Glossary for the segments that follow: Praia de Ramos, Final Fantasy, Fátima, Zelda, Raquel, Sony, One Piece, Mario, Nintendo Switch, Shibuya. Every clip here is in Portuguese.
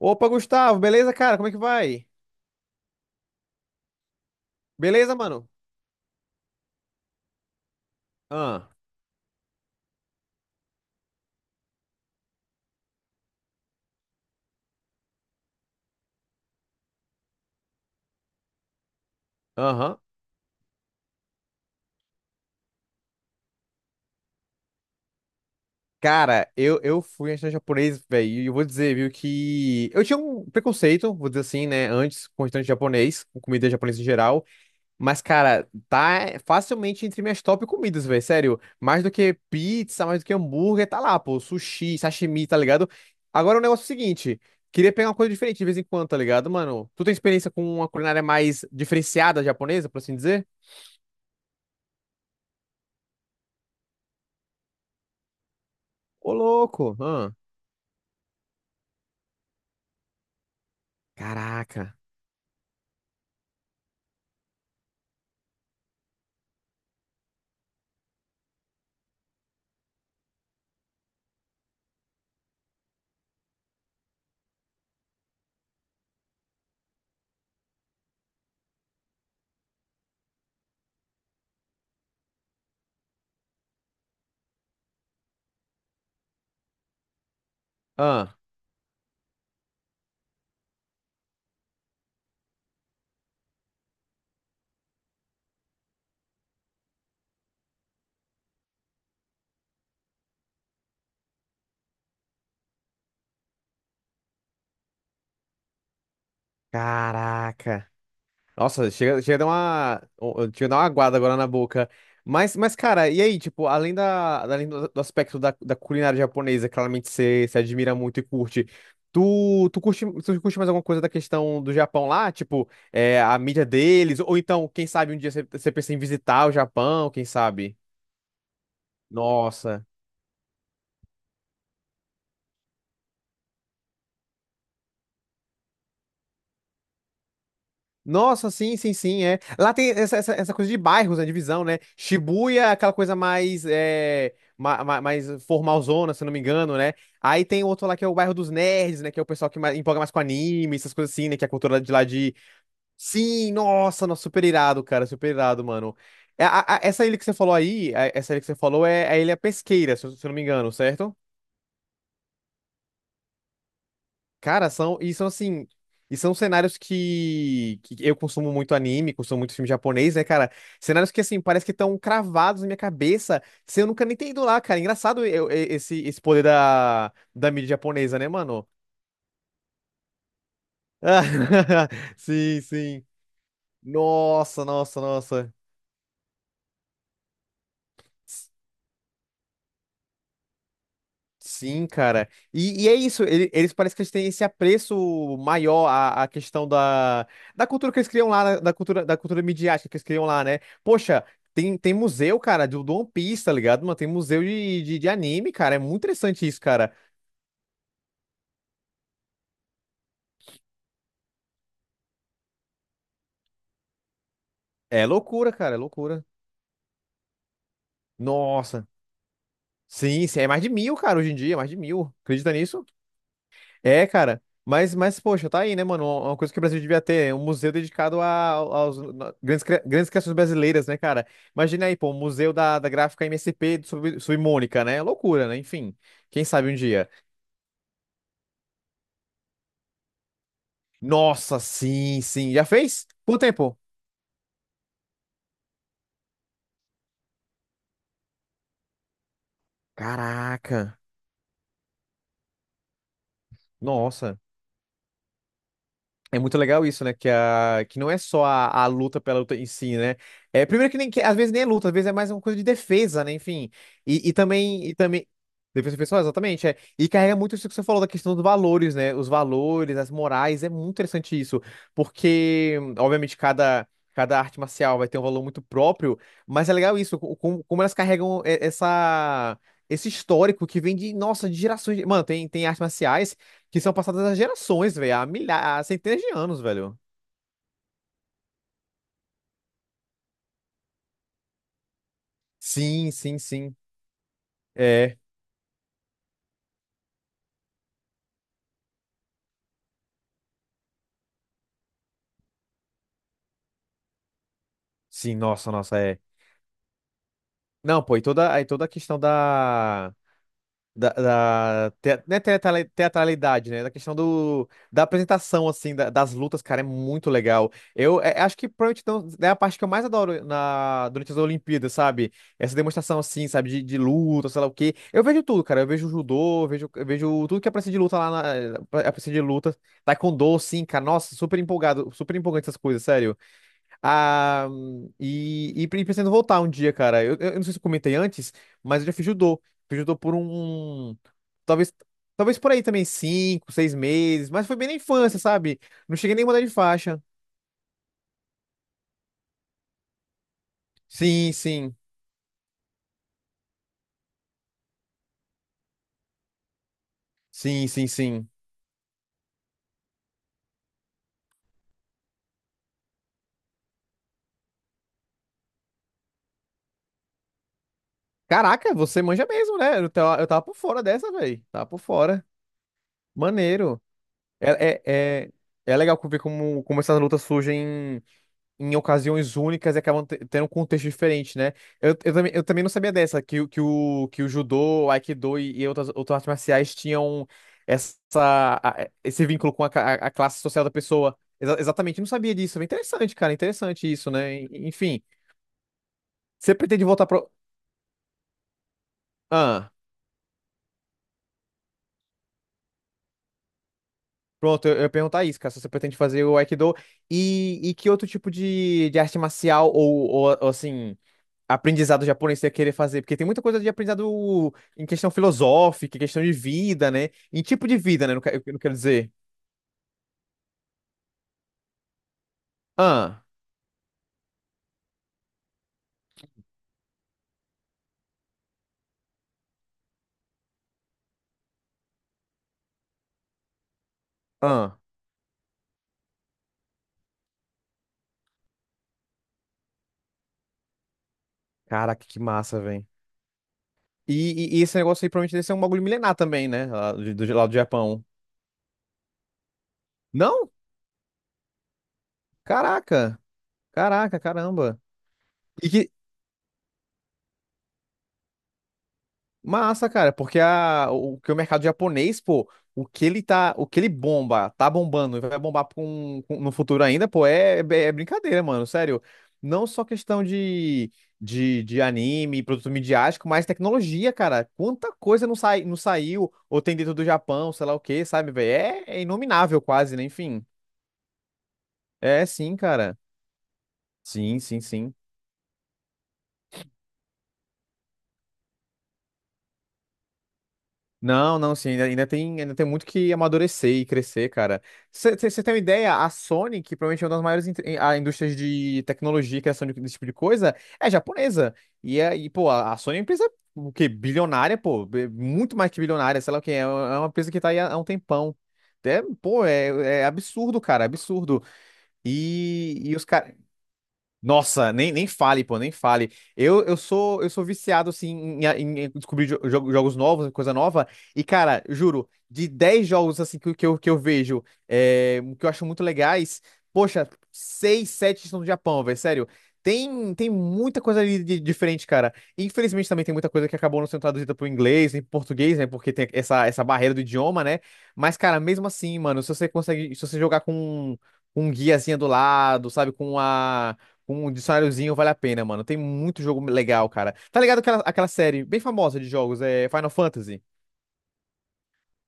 Opa, Gustavo, beleza, cara? Como é que vai? Beleza, mano? Ah, aham. Cara, eu fui em restaurante japonês, velho, e eu vou dizer, viu, que eu tinha um preconceito, vou dizer assim, né, antes com restaurante japonês, com comida japonesa em geral, mas, cara, tá facilmente entre minhas top comidas, velho, sério. Mais do que pizza, mais do que hambúrguer, tá lá, pô, sushi, sashimi, tá ligado? Agora o negócio é o seguinte, queria pegar uma coisa diferente de vez em quando, tá ligado, mano? Tu tem experiência com uma culinária mais diferenciada japonesa, por assim dizer? Ô, louco! Ah, caraca! Ah, caraca! Nossa, chega a dar uma aguada agora na boca. Mas, cara, e aí, tipo, além da, além do aspecto da culinária japonesa, claramente você se admira muito e curte. Tu curte mais alguma coisa da questão do Japão lá? Tipo, é, a mídia deles? Ou então, quem sabe um dia você pensa em visitar o Japão, quem sabe? Nossa. Nossa, sim, sim, sim, é. Lá tem essa coisa de bairros, né, divisão, né? Shibuya, é aquela coisa mais, é, ma, ma- mais formalzona, se eu não me engano, né? Aí tem outro lá que é o bairro dos nerds, né? Que é o pessoal que mais, empolga mais com anime, essas coisas assim, né? Que é a cultura de lá de... Sim, nossa, nossa, super irado, cara, super irado, mano. É, essa ilha que você falou aí, essa ilha que você falou é a Ilha Pesqueira, se eu não me engano, certo? Cara, são, e são assim, e são cenários que, eu consumo muito anime, consumo muito filme japonês, né, cara? Cenários que, assim, parece que estão cravados na minha cabeça, sem eu nunca nem ter ido lá, cara. Engraçado esse poder da mídia japonesa, né, mano? Ah, Sim, sim. Nossa, nossa, nossa. Sim, cara. E é isso, eles parecem que eles têm esse apreço maior à questão da cultura que eles criam lá, da cultura midiática que eles criam lá, né? Poxa, tem museu, cara, do One Piece, tá ligado? Mano, tem museu de anime, cara. É muito interessante isso, cara. É loucura, cara, é loucura. Nossa. Sim, sim, é mais de mil, cara, hoje em dia, é mais de mil. Acredita nisso? É, cara. Mas, poxa, tá aí, né, mano? Uma coisa que o Brasil devia ter, um museu dedicado aos grandes criações brasileiras, né, cara? Imagina aí, pô, um museu da, da gráfica MSP de Submônica, né? É loucura, né? Enfim, quem sabe um dia. Nossa, sim, sim. Já fez? Quanto tempo? Caraca. Nossa. É muito legal isso, né? Que não é só a luta pela luta em si, né? É, primeiro que às vezes nem é luta, às vezes é mais uma coisa de defesa, né? Enfim. E também. E também... Defesa pessoal, exatamente. É. E carrega muito isso que você falou da questão dos valores, né? Os valores, as morais. É muito interessante isso. Porque, obviamente, cada arte marcial vai ter um valor muito próprio, mas é legal isso, como elas carregam esse histórico que vem de, nossa, de gerações. Mano, tem artes marciais que são passadas há gerações, velho. Há milhares, há centenas de anos, velho. Sim, sim, sim. É. Sim, nossa, nossa, é. Não, pô, e aí toda a questão da não é teatralidade, né? Da questão da apresentação, assim, das lutas, cara, é muito legal. Eu acho que provavelmente então, é a parte que eu mais adoro durante as Olimpíadas, sabe? Essa demonstração, assim, sabe, de luta, sei lá o quê. Eu vejo tudo, cara. Eu vejo judô, eu vejo tudo que aparece de luta lá na. Aparece de luta. Taekwondo, sim, cara. Nossa, super empolgado, super empolgante essas coisas, sério. Ah, pretendo voltar um dia, cara. Eu não sei se eu comentei antes, mas eu já fiz judô. Fiz judô por um. Talvez, talvez por aí também, 5, 6 meses. Mas foi bem na infância, sabe? Não cheguei nem a mudar de faixa. Sim, sim. Sim, sim, sim. Caraca, você manja mesmo, né? Eu tava por fora dessa, velho. Tava por fora. Maneiro. É, é, é, é legal ver como essas lutas surgem em ocasiões únicas e acabam tendo um contexto diferente, né? Eu também não sabia dessa, que o judô, o aikido e outras artes marciais tinham essa, esse vínculo com a classe social da pessoa. Exatamente, eu não sabia disso. Interessante, cara, interessante isso, né? Enfim, você pretende voltar pro... Ah, pronto, eu ia perguntar isso, cara, se você pretende fazer o aikido e que outro tipo de arte marcial ou, assim... aprendizado japonês você ia querer fazer, porque tem muita coisa de aprendizado em questão filosófica, em questão de vida, né? Em tipo de vida, né? Não, eu não quero dizer. Ah, ah. Caraca, que massa, velho. E esse negócio aí provavelmente deve ser um bagulho milenar também, né? Lá do Japão. Não? Caraca. Caraca, caramba. E que, Massa, cara, porque o que o mercado japonês, pô, o que ele tá, o que ele bomba, tá bombando e vai bombar no futuro ainda, pô, é, é brincadeira, mano, sério. Não só questão de anime, produto midiático, mas tecnologia, cara. Quanta coisa não saiu ou tem dentro do Japão, sei lá o quê, sabe, velho? É inominável quase, né? Enfim. É, sim, cara. Sim, sim, sim. Não, não, sim, ainda, ainda tem muito que amadurecer e crescer, cara. Você tem uma ideia? A Sony, que provavelmente é uma das maiores in- a indústrias de tecnologia e criação desse tipo de coisa, é japonesa. E pô, a Sony é uma empresa o quê? Bilionária, pô, muito mais que bilionária, sei lá o quê, é uma empresa que tá aí há um tempão. É, pô, é, absurdo, cara, absurdo. E os caras. Nossa, nem fale, pô, nem fale. Eu sou viciado assim em descobrir jogos novos, né, coisa nova. E cara, juro, de 10 jogos assim que eu vejo, que eu acho muito legais, poxa, 6, 7 são do Japão, velho, sério. Tem muita coisa ali diferente, cara. Infelizmente também tem muita coisa que acabou não sendo traduzida pro inglês, nem pro português, né? Porque tem essa barreira do idioma, né? Mas, cara, mesmo assim, mano, se você jogar com um guiazinha do lado, sabe, com um dicionáriozinho vale a pena, mano. Tem muito jogo legal, cara. Tá ligado aquela série bem famosa de jogos, é Final Fantasy?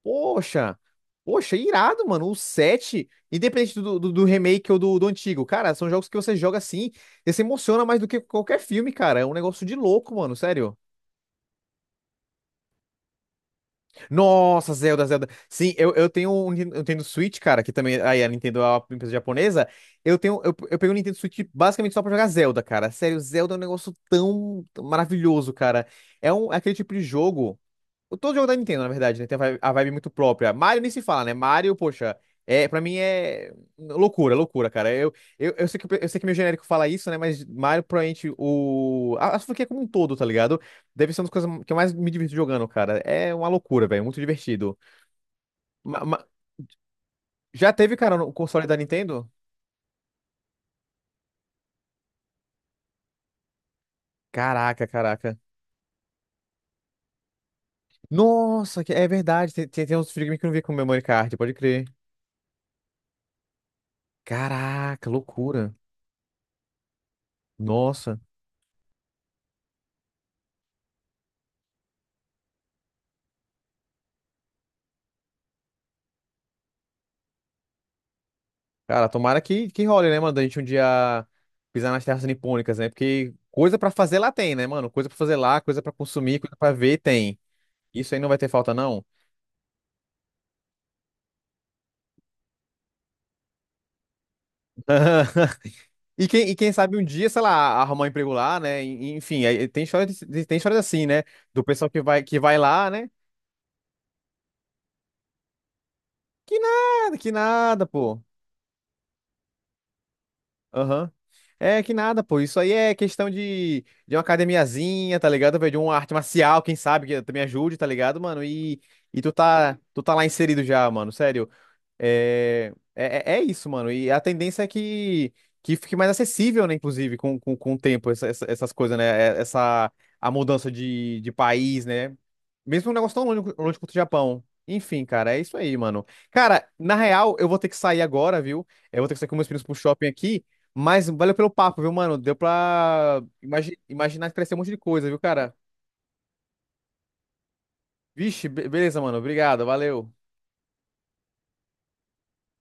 Poxa! Poxa, irado, mano. O 7 independente do remake ou do antigo, cara, são jogos que você joga assim e se emociona mais do que qualquer filme, cara. É um negócio de louco, mano. Sério. Nossa, Zelda, Zelda. Sim, eu tenho Switch, cara, que também aí a Nintendo é uma empresa japonesa. Eu peguei o Nintendo Switch basicamente só pra jogar Zelda, cara. Sério, Zelda é um negócio tão tão maravilhoso, cara. É aquele tipo de jogo. Todo jogo da Nintendo, na verdade, né? Tem a vibe muito própria. Mario nem se fala, né? Mario, poxa, pra mim é loucura, loucura, cara. Eu sei que meu genérico fala isso, né? Mas Mario, provavelmente, a franquia como um todo, tá ligado? Deve ser uma das coisas que eu mais me divirto jogando, cara. É uma loucura, velho. Muito divertido. Ma- ma- já teve, cara, no console da Nintendo? Caraca, caraca. Nossa, é verdade. Tem uns videogames que eu não vi com Memory Card, pode crer. Caraca, loucura. Nossa. Cara, tomara que role, né, mano? Da gente um dia pisar nas terras nipônicas, né? Porque coisa pra fazer lá tem, né, mano? Coisa pra fazer lá, coisa pra consumir, coisa pra ver tem. Isso aí não vai ter falta, não. E quem sabe um dia, sei lá, arrumar um emprego lá, né? Enfim, aí tem histórias assim, né? Do pessoal que vai lá, né? Que nada, pô. Aham. É que nada, pô. Isso aí é questão de uma academiazinha, tá ligado? De uma arte marcial, quem sabe, que também ajude, tá ligado, mano? E tu tá lá inserido já, mano. Sério. É isso, mano. E a tendência é que fique mais acessível, né? Inclusive, com o tempo, essas coisas, né? é- Essa, a mudança de país, né? Mesmo um negócio tão longe, longe quanto o Japão. Enfim, cara, é isso aí, mano. Cara, na real, eu vou ter que sair agora, viu? Eu vou ter que sair com meus filhos pro shopping aqui. Mas valeu pelo papo, viu, mano? Deu pra imaginar que crescer um monte de coisa, viu, cara? Vixe, beleza, mano. Obrigado, valeu.